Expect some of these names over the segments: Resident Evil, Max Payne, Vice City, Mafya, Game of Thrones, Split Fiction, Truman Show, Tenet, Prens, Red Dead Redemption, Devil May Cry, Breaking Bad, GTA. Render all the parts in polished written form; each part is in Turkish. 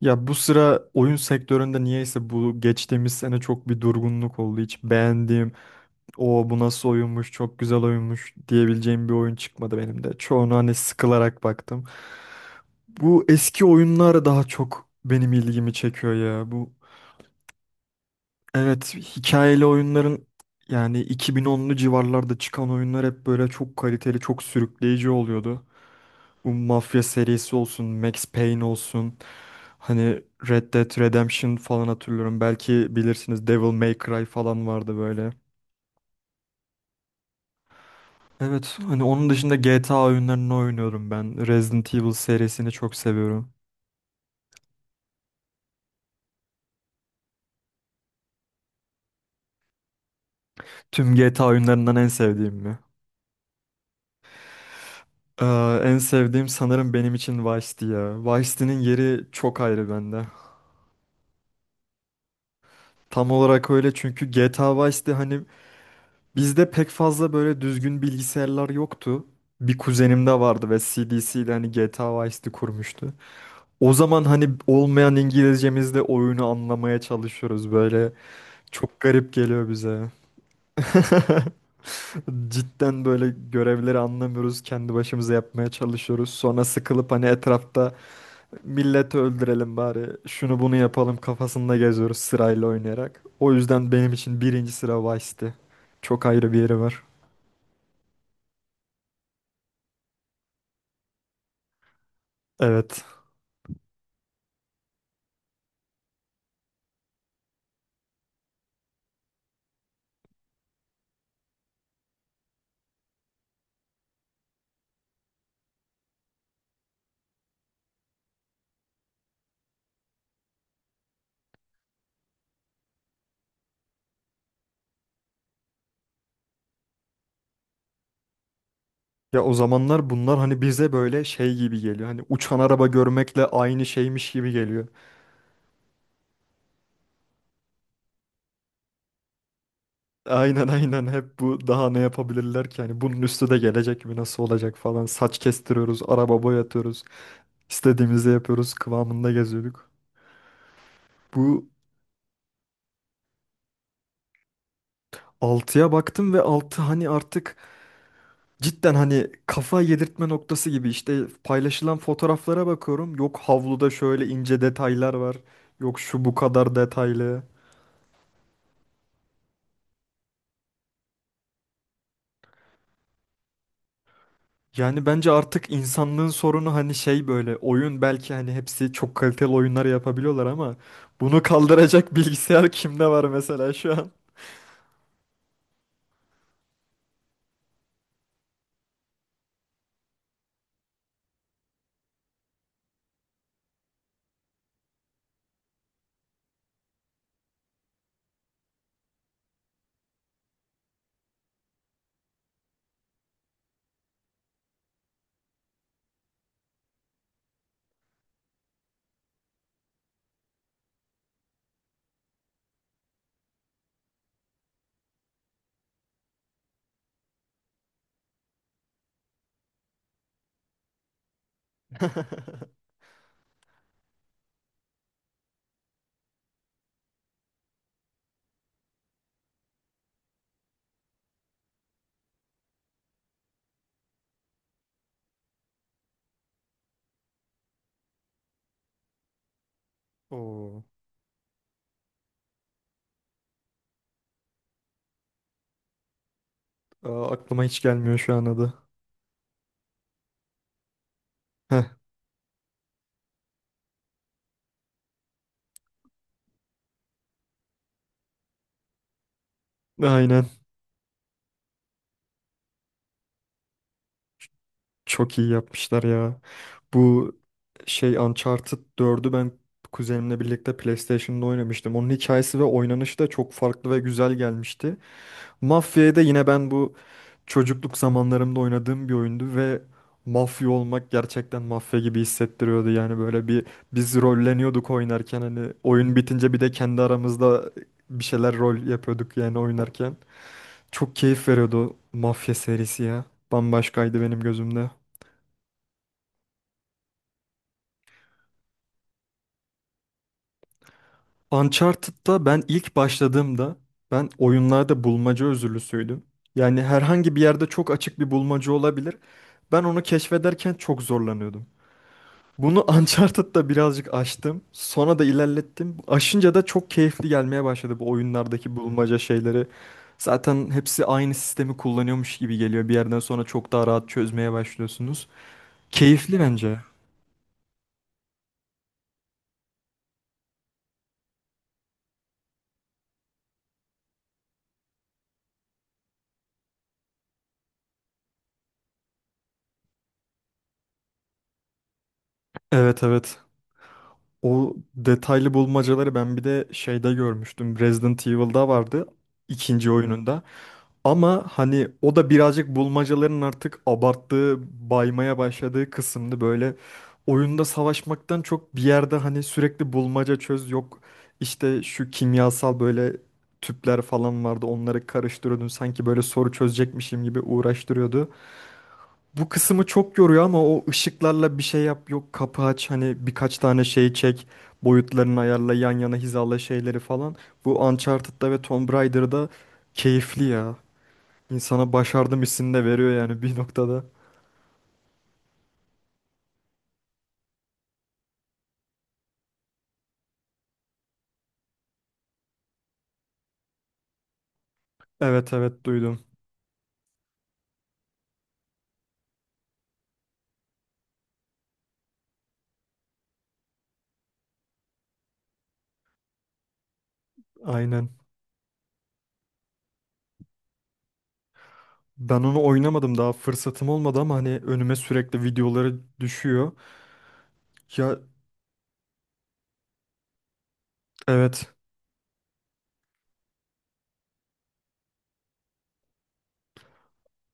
Ya bu sıra oyun sektöründe niyeyse bu geçtiğimiz sene çok bir durgunluk oldu. Hiç beğendiğim, o bu nasıl oyunmuş, çok güzel oyunmuş diyebileceğim bir oyun çıkmadı benim de. Çoğunu hani sıkılarak baktım. Bu eski oyunlar daha çok benim ilgimi çekiyor ya. Evet, hikayeli oyunların yani 2010'lu civarlarda çıkan oyunlar hep böyle çok kaliteli, çok sürükleyici oluyordu. Bu mafya serisi olsun, Max Payne olsun. Hani Red Dead Redemption falan hatırlıyorum. Belki bilirsiniz Devil May Cry falan vardı böyle. Evet, hani onun dışında GTA oyunlarını oynuyorum ben. Resident Evil serisini çok seviyorum. Tüm GTA oyunlarından en sevdiğim mi? En sevdiğim sanırım benim için Vice City ya. Vice City'nin yeri çok ayrı bende. Tam olarak öyle çünkü GTA Vice City, hani, bizde pek fazla böyle düzgün bilgisayarlar yoktu. Bir kuzenimde vardı ve CDC ile hani GTA Vice City kurmuştu. O zaman hani olmayan İngilizcemizle oyunu anlamaya çalışıyoruz böyle. Çok garip geliyor bize. Cidden böyle görevleri anlamıyoruz. Kendi başımıza yapmaya çalışıyoruz. Sonra sıkılıp hani etrafta milleti öldürelim bari. Şunu bunu yapalım kafasında geziyoruz sırayla oynayarak. O yüzden benim için birinci sıra Vice City. Çok ayrı bir yeri var. Evet. Ya o zamanlar bunlar hani bize böyle şey gibi geliyor. Hani uçan araba görmekle aynı şeymiş gibi geliyor. Aynen, aynen, hep bu daha ne yapabilirler ki? Hani bunun üstü de gelecek mi nasıl olacak falan. Saç kestiriyoruz, araba boyatıyoruz. İstediğimizi yapıyoruz kıvamında geziyorduk. Bu altıya baktım ve 6 hani artık cidden hani kafa yedirtme noktası gibi işte paylaşılan fotoğraflara bakıyorum. Yok, havluda şöyle ince detaylar var. Yok, şu bu kadar detaylı. Yani bence artık insanlığın sorunu hani şey böyle oyun belki hani hepsi çok kaliteli oyunlar yapabiliyorlar ama bunu kaldıracak bilgisayar kimde var mesela şu an? Oo. Aa, aklıma hiç gelmiyor şu an adı. Heh, aynen. Çok iyi yapmışlar ya. Bu şey Uncharted 4'ü ben kuzenimle birlikte PlayStation'da oynamıştım. Onun hikayesi ve oynanışı da çok farklı ve güzel gelmişti. Mafya'ya da yine ben bu çocukluk zamanlarımda oynadığım bir oyundu ve mafya olmak gerçekten mafya gibi hissettiriyordu. Yani böyle biz rolleniyorduk oynarken hani oyun bitince bir de kendi aramızda bir şeyler rol yapıyorduk yani oynarken. Çok keyif veriyordu o mafya serisi ya. Bambaşkaydı benim gözümde. Uncharted'da ben ilk başladığımda ben oyunlarda bulmaca özürlüsüydüm. Yani herhangi bir yerde çok açık bir bulmaca olabilir. Ben onu keşfederken çok zorlanıyordum. Bunu Uncharted'da birazcık aştım. Sonra da ilerlettim. Aşınca da çok keyifli gelmeye başladı bu oyunlardaki bulmaca şeyleri. Zaten hepsi aynı sistemi kullanıyormuş gibi geliyor. Bir yerden sonra çok daha rahat çözmeye başlıyorsunuz. Keyifli bence. Evet, evet. O detaylı bulmacaları ben bir de şeyde görmüştüm. Resident Evil'da vardı. İkinci oyununda. Ama hani o da birazcık bulmacaların artık abarttığı, baymaya başladığı kısımdı. Böyle oyunda savaşmaktan çok bir yerde hani sürekli bulmaca çöz yok. İşte şu kimyasal böyle tüpler falan vardı onları karıştırıyordun. Sanki böyle soru çözecekmişim gibi uğraştırıyordu. Bu kısmı çok yoruyor ama o ışıklarla bir şey yap yok kapı aç hani birkaç tane şey çek. Boyutlarını ayarla, yan yana hizala şeyleri falan. Bu Uncharted'da ve Tomb Raider'da keyifli ya. İnsana başardım hissini de veriyor yani bir noktada. Evet, evet duydum. Aynen. Ben onu oynamadım daha fırsatım olmadı ama hani önüme sürekli videoları düşüyor. Ya, evet.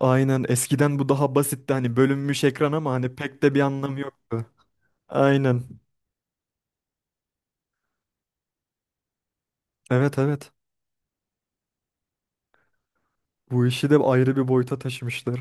Aynen, eskiden bu daha basitti hani bölünmüş ekran ama hani pek de bir anlamı yoktu. Aynen. Evet, evet. Bu işi de ayrı bir boyuta taşımışlar.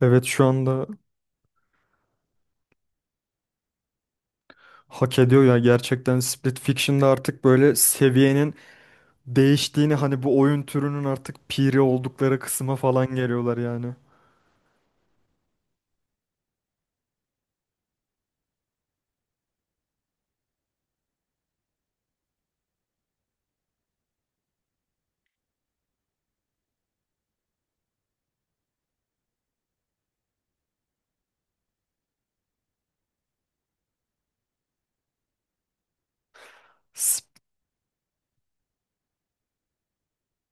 Evet şu anda hak ediyor ya gerçekten Split Fiction'da artık böyle seviyenin değiştiğini hani bu oyun türünün artık piri oldukları kısma falan geliyorlar yani. Sp-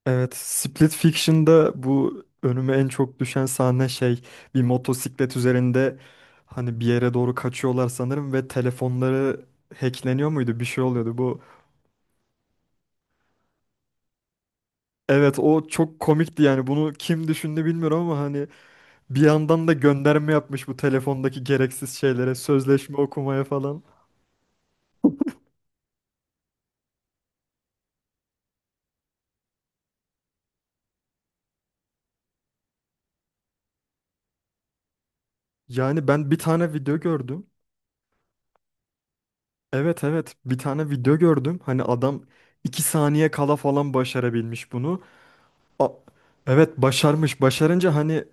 Evet, Split Fiction'da bu önüme en çok düşen sahne şey bir motosiklet üzerinde hani bir yere doğru kaçıyorlar sanırım ve telefonları hackleniyor muydu bir şey oluyordu bu. Evet o çok komikti yani bunu kim düşündü bilmiyorum ama hani bir yandan da gönderme yapmış bu telefondaki gereksiz şeylere sözleşme okumaya falan. Yani ben bir tane video gördüm. Evet, evet bir tane video gördüm hani adam 2 saniye kala falan başarabilmiş bunu. A- Evet başarmış. Başarınca hani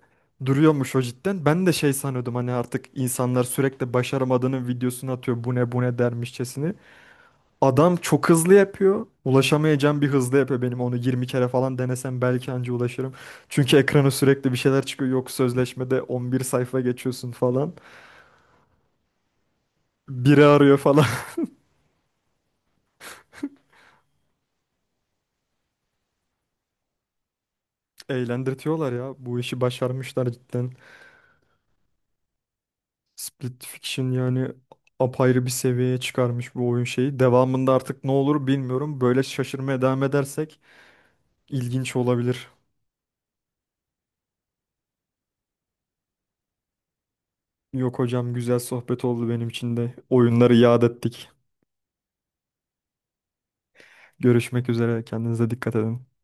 duruyormuş o cidden. Ben de şey sanıyordum hani artık insanlar sürekli başaramadığının videosunu atıyor. Bu ne bu ne dermişçesini. Adam çok hızlı yapıyor. Ulaşamayacağım bir hızlı yapıyor benim. Onu 20 kere falan denesem belki anca ulaşırım. Çünkü ekrana sürekli bir şeyler çıkıyor. Yok sözleşmede 11 sayfa geçiyorsun falan. Biri arıyor falan. Eğlendirtiyorlar ya. Bu işi başarmışlar cidden. Split Fiction yani apayrı bir seviyeye çıkarmış bu oyun şeyi. Devamında artık ne olur bilmiyorum. Böyle şaşırmaya devam edersek ilginç olabilir. Yok hocam güzel sohbet oldu benim için de. Oyunları yad ettik. Görüşmek üzere. Kendinize dikkat edin.